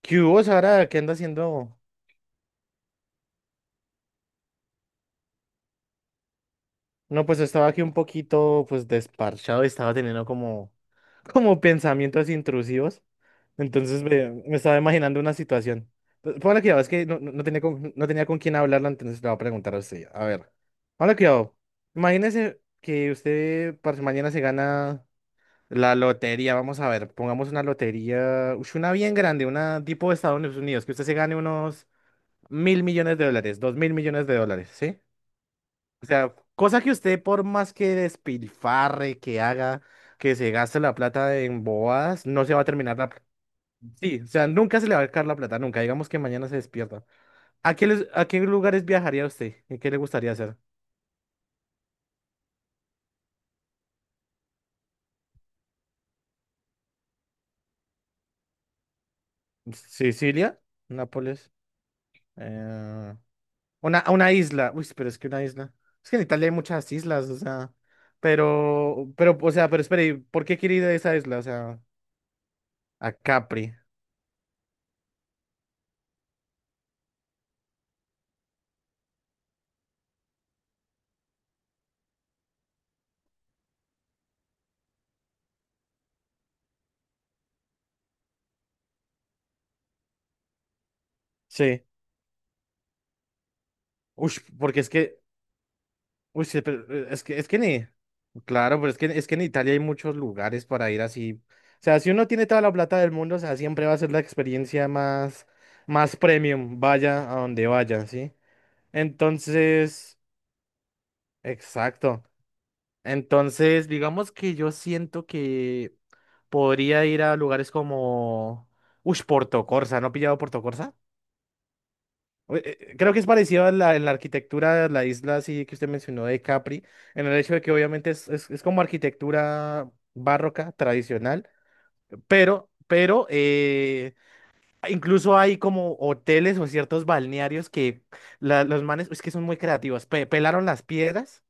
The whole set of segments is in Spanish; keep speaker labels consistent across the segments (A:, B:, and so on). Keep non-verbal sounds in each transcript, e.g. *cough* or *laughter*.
A: ¿Qué hubo, Sara? ¿Qué anda haciendo? No, pues estaba aquí un poquito, pues, desparchado y estaba teniendo como, como pensamientos intrusivos. Entonces me estaba imaginando una situación. Póngale cuidado, es que no tenía no tenía con quién hablarla, entonces le voy a preguntar a usted. A ver, póngale cuidado. Imagínese que usted parce, mañana se gana la lotería. Vamos a ver, pongamos una lotería, una bien grande, una tipo de Estados Unidos, que usted se gane unos 1.000 millones de dólares, 2.000 millones de dólares, ¿sí? O sea, cosa que usted por más que despilfarre, que haga, que se gaste la plata en bobadas, no se va a terminar la Sí, o sea, nunca se le va a acabar la plata, nunca. Digamos que mañana se despierta. ¿A qué, a qué lugares viajaría usted? ¿Y qué le gustaría hacer? Sicilia, Nápoles, eh, una isla. Uy, pero es que una isla. Es que en Italia hay muchas islas, o sea, o sea, pero espere, ¿por qué quiere ir a esa isla? O sea, a Capri. Sí. Uy, porque es que uy, sí, pero es que ni, claro, pero es que en Italia hay muchos lugares para ir así. O sea, si uno tiene toda la plata del mundo, o sea, siempre va a ser la experiencia más, más premium, vaya a donde vaya, ¿sí? Entonces, exacto. Entonces, digamos que yo siento que podría ir a lugares como, uy, Portocorsa, ¿no ha pillado Portocorsa? Oye, creo que es parecido a la, en la arquitectura, la isla así que usted mencionó de Capri, en el hecho de que obviamente es, es como arquitectura barroca, tradicional, pero incluso hay como hoteles o ciertos balnearios que la- los manes, es que son muy creativos, pelaron las piedras,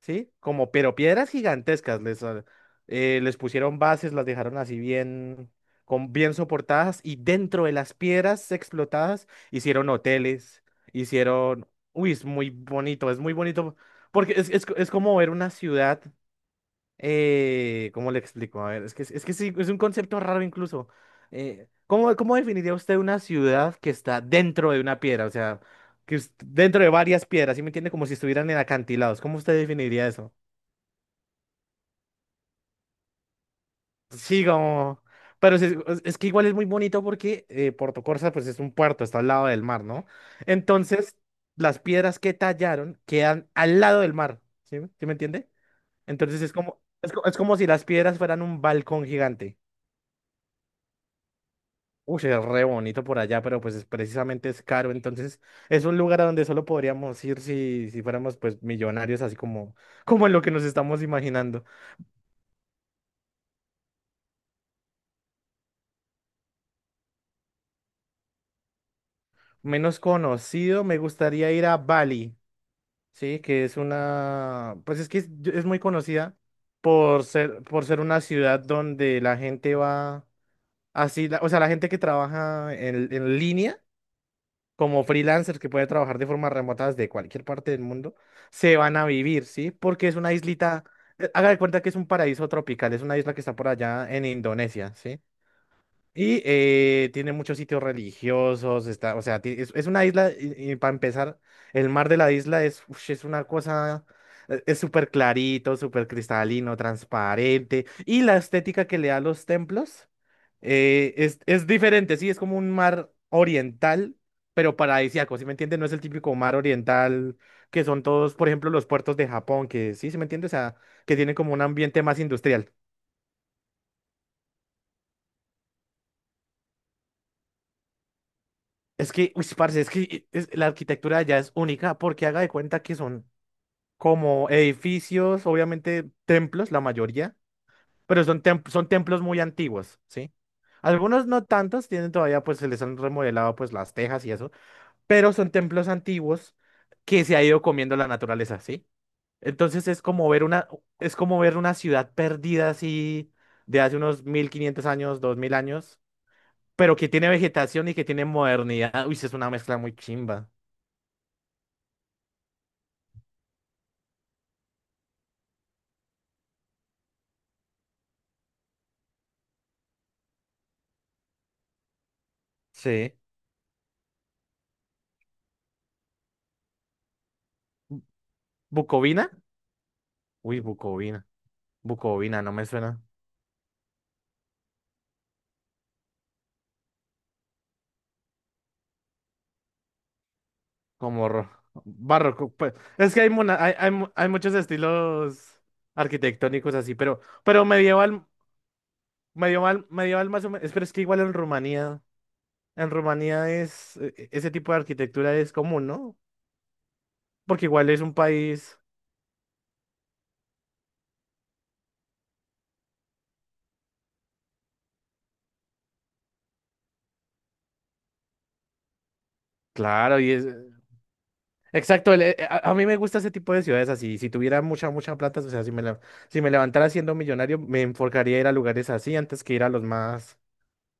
A: ¿sí? Como, pero piedras gigantescas, les pusieron bases, las dejaron así bien, con, bien soportadas y dentro de las piedras explotadas hicieron hoteles, hicieron, uy, es muy bonito, porque es como ver una ciudad, ¿cómo le explico? A ver, es que sí, es un concepto raro incluso. ¿Cómo, cómo definiría usted una ciudad que está dentro de una piedra? O sea, que es dentro de varias piedras, ¿sí me entiende? Como si estuvieran en acantilados. ¿Cómo usted definiría eso? Sí, como... Pero sí, es que igual es muy bonito porque Puerto Corsa pues es un puerto, está al lado del mar, ¿no? Entonces, las piedras que tallaron quedan al lado del mar, ¿sí? ¿Sí me entiende? Entonces es como, es como si las piedras fueran un balcón gigante. Uy, es re bonito por allá, pero pues precisamente es caro, entonces es un lugar a donde solo podríamos ir si, si fuéramos pues millonarios, así como, como en lo que nos estamos imaginando. Menos conocido, me gustaría ir a Bali. Sí, que es una, pues es que es muy conocida por ser una ciudad donde la gente va así, o sea, la gente que trabaja en línea, como freelancers que puede trabajar de forma remota desde cualquier parte del mundo, se van a vivir, ¿sí? Porque es una islita, haga de cuenta que es un paraíso tropical, es una isla que está por allá en Indonesia, ¿sí? Y tiene muchos sitios religiosos, está, o sea, es una isla, y, para empezar, el mar de la isla es, ush, es una cosa, es súper clarito, súper cristalino, transparente, y la estética que le da a los templos es diferente, sí, es como un mar oriental, pero paradisíaco, ¿sí me entiendes? No es el típico mar oriental que son todos, por ejemplo, los puertos de Japón, que sí, ¿sí me entiendes? O sea, que tienen como un ambiente más industrial. Es que, uy, parce, es que la arquitectura ya es única porque haga de cuenta que son como edificios, obviamente templos, la mayoría, pero son, son templos muy antiguos, ¿sí? Algunos no tantos, tienen todavía, pues se les han remodelado pues las tejas y eso, pero son templos antiguos que se ha ido comiendo la naturaleza, ¿sí? Entonces es como ver una, es como ver una ciudad perdida así de hace unos 1.500 años, 2.000 años, pero que tiene vegetación y que tiene modernidad. Uy, sí, es una mezcla muy chimba. Sí. ¿Bucovina? Uy, Bucovina. Bucovina, no me suena como barroco, pues. Es que hay, hay, hay muchos estilos arquitectónicos así, pero medieval, medieval más o menos. Pero es que igual en Rumanía es, ese tipo de arquitectura es común, ¿no? Porque igual es un país, claro, y es... Exacto, a mí me gusta ese tipo de ciudades así. Si tuviera mucha, mucha plata, o sea, si me levantara siendo millonario, me enfocaría a ir a lugares así antes que ir a los más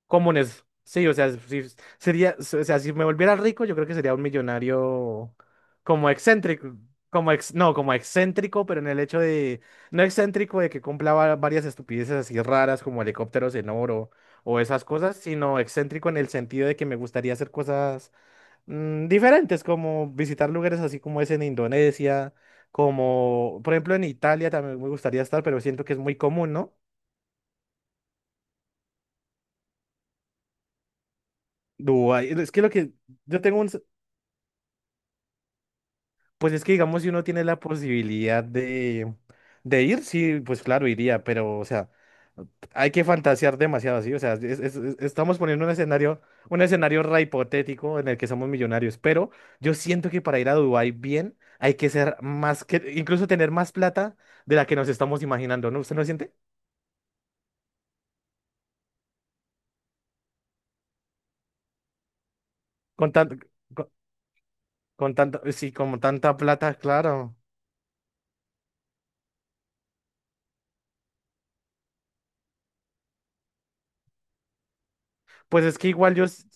A: comunes. Sí, o sea, si sería, o sea, si me volviera rico, yo creo que sería un millonario como excéntrico, como ex, no, como excéntrico, pero en el hecho de, no excéntrico de que cumpla varias estupideces así raras como helicópteros en oro o esas cosas, sino excéntrico en el sentido de que me gustaría hacer cosas diferentes, como visitar lugares así como es en Indonesia, como, por ejemplo, en Italia también me gustaría estar, pero siento que es muy común, ¿no? Dubái, es que lo que yo tengo un pues es que digamos, si uno tiene la posibilidad de ir, sí, pues claro, iría, pero o sea, hay que fantasear demasiado, ¿sí? O sea, estamos poniendo un escenario re hipotético en el que somos millonarios, pero yo siento que para ir a Dubái bien hay que ser más que, incluso tener más plata de la que nos estamos imaginando, ¿no? ¿Usted no siente? Con tan- con, con tanta, sí, con tanta plata, claro. Pues es que igual yo,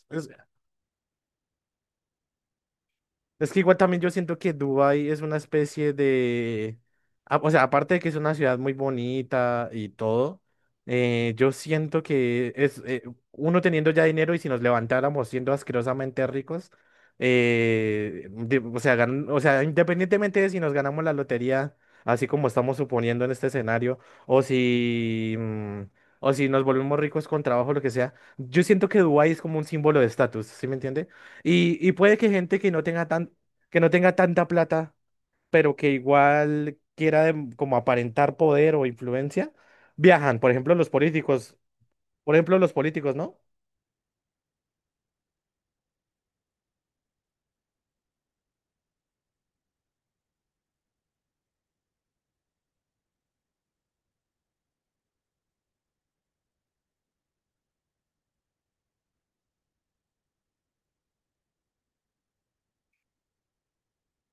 A: es que igual también yo siento que Dubái es una especie de... o sea, aparte de que es una ciudad muy bonita y todo, yo siento que es uno teniendo ya dinero y si nos levantáramos siendo asquerosamente ricos, o sea, o sea, independientemente de si nos ganamos la lotería, así como estamos suponiendo en este escenario, o si, o si nos volvemos ricos con trabajo, lo que sea, yo siento que Dubái es como un símbolo de estatus, ¿sí me entiende? Y puede que gente que no tenga tan, que no tenga tanta plata, pero que igual quiera como aparentar poder o influencia, viajan. Por ejemplo, los políticos. Por ejemplo, los políticos, ¿no?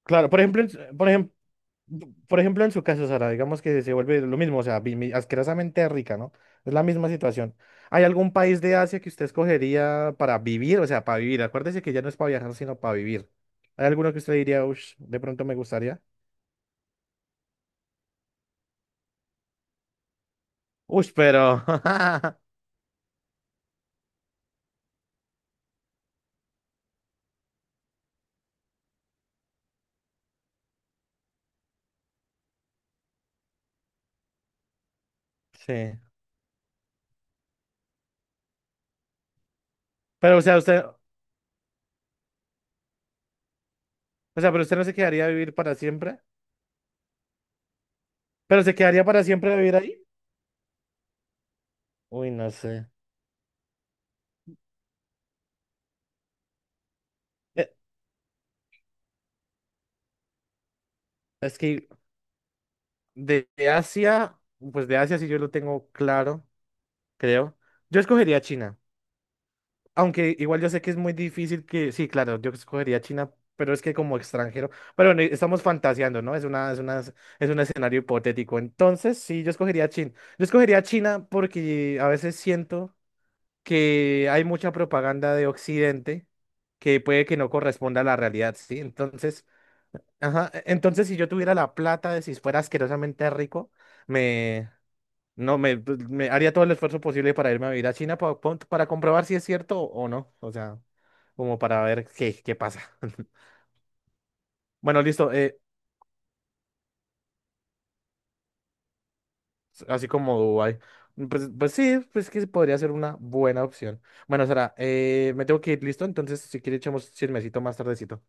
A: Claro, por ejemplo, por ejemplo, por ejemplo, en su caso, Sara, digamos que se vuelve lo mismo, o sea, asquerosamente rica, ¿no? Es la misma situación. ¿Hay algún país de Asia que usted escogería para vivir? O sea, para vivir. Acuérdese que ya no es para viajar, sino para vivir. ¿Hay alguno que usted diría, uff, de pronto me gustaría? Uff, pero... *laughs* Sí. Pero, o sea, pero usted no se quedaría a vivir para siempre. ¿Pero se quedaría para siempre a vivir ahí? Uy, no sé. Eh, Es que De, de Asia, pues de Asia sí yo lo tengo claro, creo. Yo escogería China, aunque igual yo sé que es muy difícil que, sí, claro, yo escogería China, pero es que como extranjero, pero bueno, estamos fantaseando, ¿no? Es una, es una, es un escenario hipotético. Entonces, sí, yo escogería China. Yo escogería China porque a veces siento que hay mucha propaganda de Occidente que puede que no corresponda a la realidad, ¿sí? Entonces, ajá, entonces si yo tuviera la plata de si fuera asquerosamente rico, me, no, me, pues, me haría todo el esfuerzo posible para irme a vivir a China para comprobar si es cierto o no, o sea, como para ver qué, qué pasa. *laughs* Bueno, listo, así como Dubái. Pues, pues sí, pues que podría ser una buena opción. Bueno, Sara, me tengo que ir, listo. Entonces, si quieres, echamos chismecito más tardecito.